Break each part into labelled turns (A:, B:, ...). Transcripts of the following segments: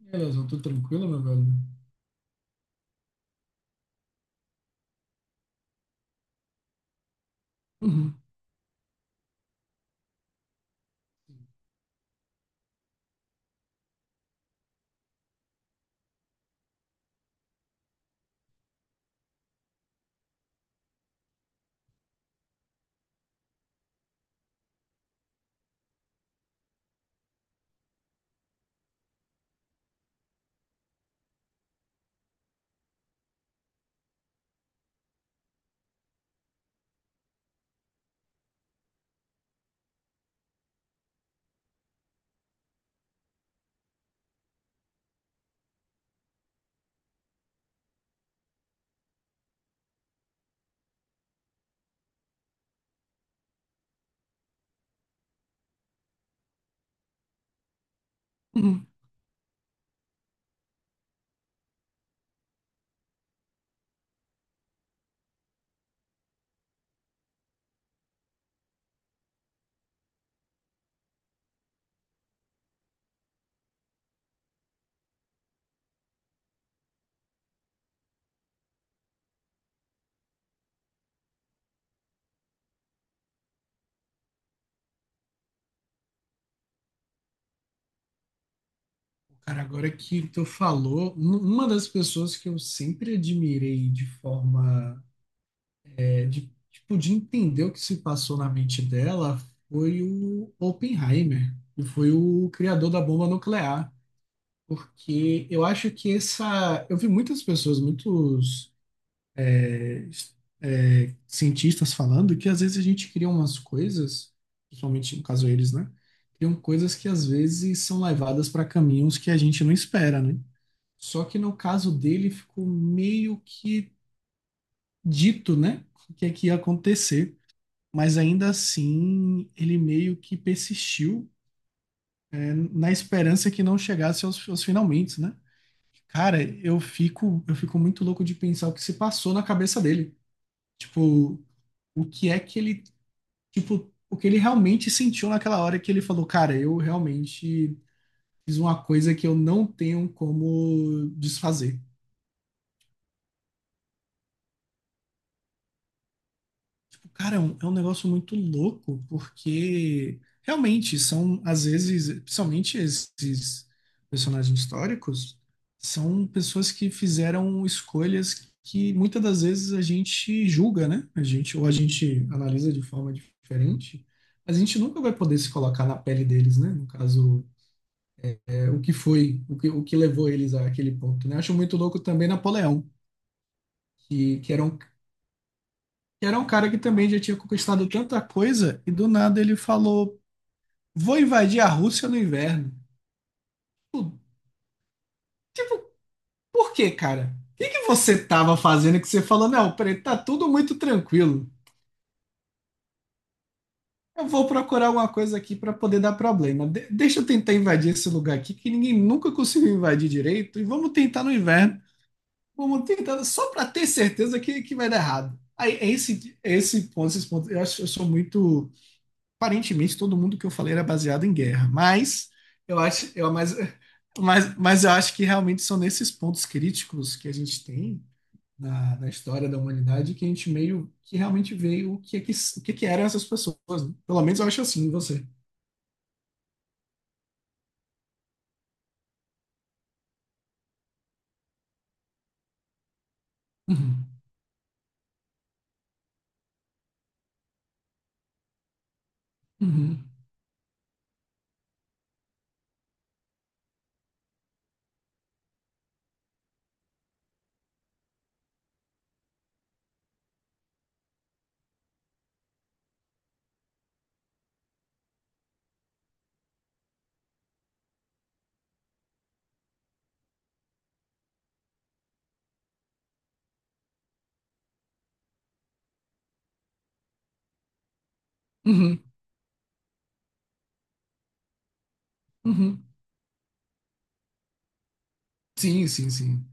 A: Beleza, eu tô tranquilo, meu velho? Uhum. Uhum. Cara, agora que tu falou, uma das pessoas que eu sempre admirei de forma, de, tipo, de entender o que se passou na mente dela foi o Oppenheimer, que foi o criador da bomba nuclear. Porque eu acho que essa. Eu vi muitas pessoas, muitos é, cientistas falando que às vezes a gente cria umas coisas, principalmente no caso eles, né? Criam coisas que às vezes são levadas para caminhos que a gente não espera, né? Só que no caso dele ficou meio que dito, né? O que é que ia acontecer. Mas ainda assim, ele meio que persistiu na esperança que não chegasse aos finalmente, né? Cara, eu fico muito louco de pensar o que se passou na cabeça dele. Tipo, o que é que ele tipo, o que ele realmente sentiu naquela hora que ele falou, cara, eu realmente fiz uma coisa que eu não tenho como desfazer. Tipo, cara, é um negócio muito louco, porque realmente são, às vezes, principalmente esses personagens históricos, são pessoas que fizeram escolhas que muitas das vezes a gente julga, né? A gente, ou a gente analisa de forma diferente, mas a gente nunca vai poder se colocar na pele deles, né? No caso, o que foi, o que levou eles àquele ponto, né? Acho muito louco também Napoleão, que era um cara que também já tinha conquistado tanta coisa e do nada ele falou: "Vou invadir a Rússia no inverno". Tipo, tipo, por quê, cara? O que que você tava fazendo que você falou: "Não, peraí, tá tudo muito tranquilo. Eu vou procurar alguma coisa aqui para poder dar problema. Deixa eu tentar invadir esse lugar aqui que ninguém nunca conseguiu invadir direito e vamos tentar no inverno". Vamos tentar só para ter certeza que vai dar errado. Aí, é esse ponto, eu acho que eu sou muito. Aparentemente, todo mundo que eu falei era baseado em guerra, mas eu acho, eu, mas eu acho que realmente são nesses pontos críticos que a gente tem na, na história da humanidade que a gente meio que realmente vê o que, é que, o que, é que eram essas pessoas, né? Pelo menos eu acho assim, você. Uhum, uhum, uhum, uhum. Sim, sim, sim.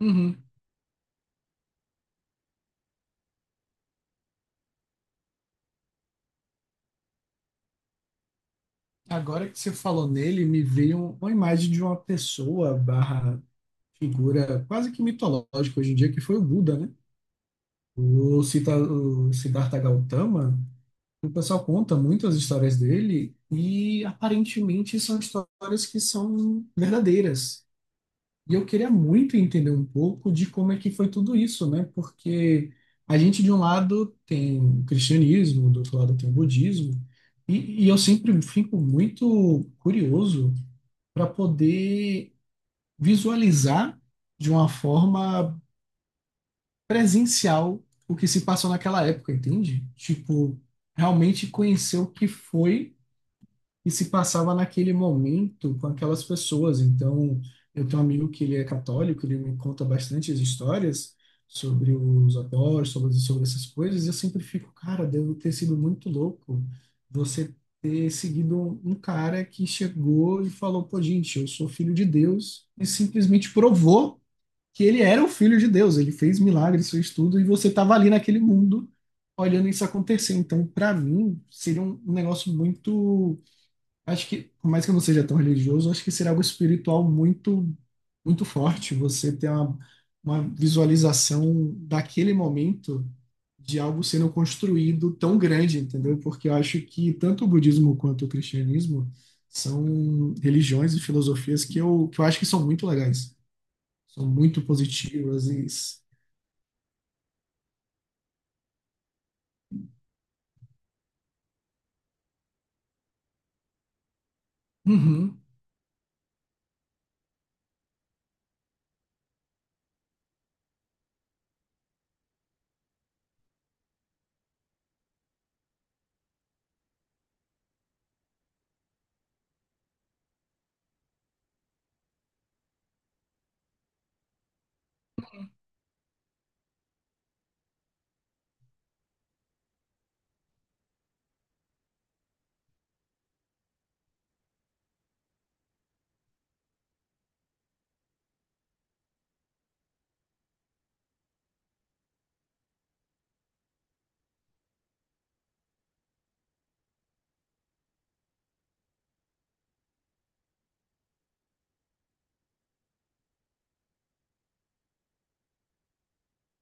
A: Uhum. Agora que você falou nele, me veio uma imagem de uma pessoa barra figura quase que mitológica hoje em dia, que foi o Buda, né? O, Sita, o Siddhartha Gautama, o pessoal conta muito as histórias dele e aparentemente são histórias que são verdadeiras. E eu queria muito entender um pouco de como é que foi tudo isso, né? Porque a gente, de um lado, tem o cristianismo, do outro lado, tem o budismo, e eu sempre fico muito curioso para poder visualizar de uma forma presencial o que se passou naquela época, entende? Tipo, realmente conhecer o que foi e se passava naquele momento com aquelas pessoas. Então, eu tenho um amigo que ele é católico, ele me conta bastante as histórias sobre os apóstolos, sobre, sobre essas coisas, e eu sempre fico, cara, deve ter sido muito louco você ter seguido um cara que chegou e falou, pô, gente, eu sou filho de Deus, e simplesmente provou que ele era o filho de Deus, ele fez milagres, fez tudo, e você estava ali naquele mundo olhando isso acontecer. Então, para mim, seria um negócio muito. Acho que, por mais que eu não seja tão religioso, acho que seria algo espiritual muito, muito forte. Você ter uma visualização daquele momento de algo sendo construído tão grande, entendeu? Porque eu acho que tanto o budismo quanto o cristianismo são religiões e filosofias que que eu acho que são muito legais, são muito positivas e. Uhum,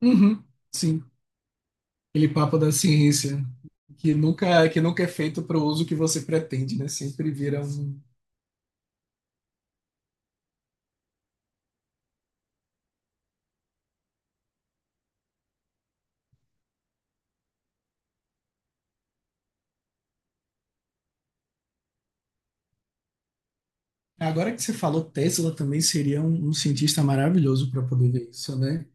A: uhum, sim. Aquele papo da ciência, que nunca, que nunca é feito para o uso que você pretende, né? Sempre vira um. Agora que você falou, Tesla também seria um cientista maravilhoso para poder ver isso, né?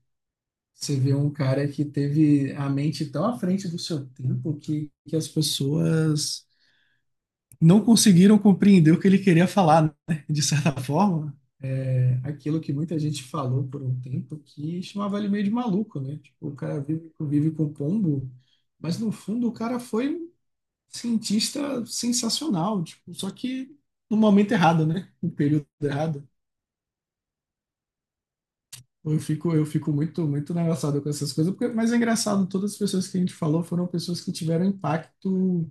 A: Você vê um cara que teve a mente tão à frente do seu tempo que as pessoas não conseguiram compreender o que ele queria falar, né? De certa forma, é aquilo que muita gente falou por um tempo que chamava ele meio de maluco, né? Tipo, o cara vive, vive com pombo, mas no fundo o cara foi um cientista sensacional, tipo, só que no momento errado, né? No período errado. Eu fico muito, muito engraçado com essas coisas, porque, mas é engraçado, todas as pessoas que a gente falou foram pessoas que tiveram impacto,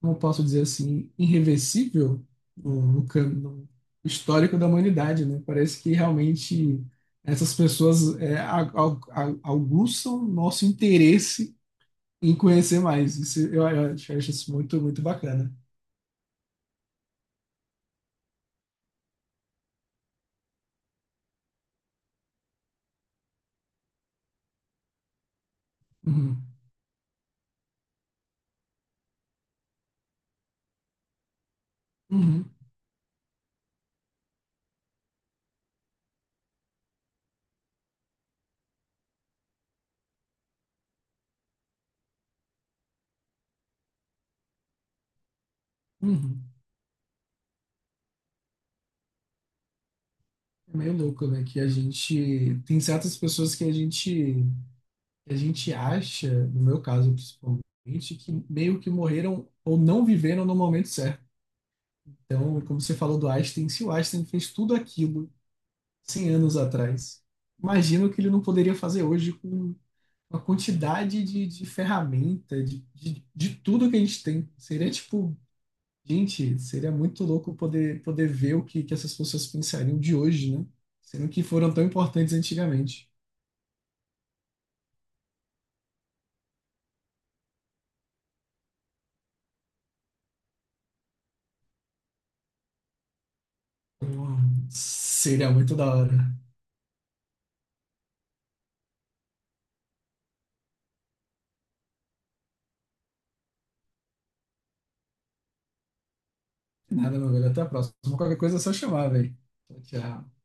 A: como eu posso dizer assim, irreversível no histórico da humanidade, né? Parece que realmente essas pessoas aguçam nosso interesse em conhecer mais. Isso, eu acho acho isso muito, muito bacana. Uhum. Uhum. Uhum. É meio louco, né? Que a gente tem certas pessoas que a gente acha, no meu caso principalmente, que meio que morreram ou não viveram no momento certo. Então, como você falou do Einstein, se o Einstein fez tudo aquilo 100 anos atrás, imagino que ele não poderia fazer hoje com a quantidade de ferramenta, de tudo que a gente tem. Seria tipo, gente, seria muito louco poder, poder ver o que, que essas pessoas pensariam de hoje, né? Sendo que foram tão importantes antigamente. Então, seria muito da hora. Nada, meu velho. Até a próxima. Qualquer coisa é só chamar, velho. Tchau, tchau.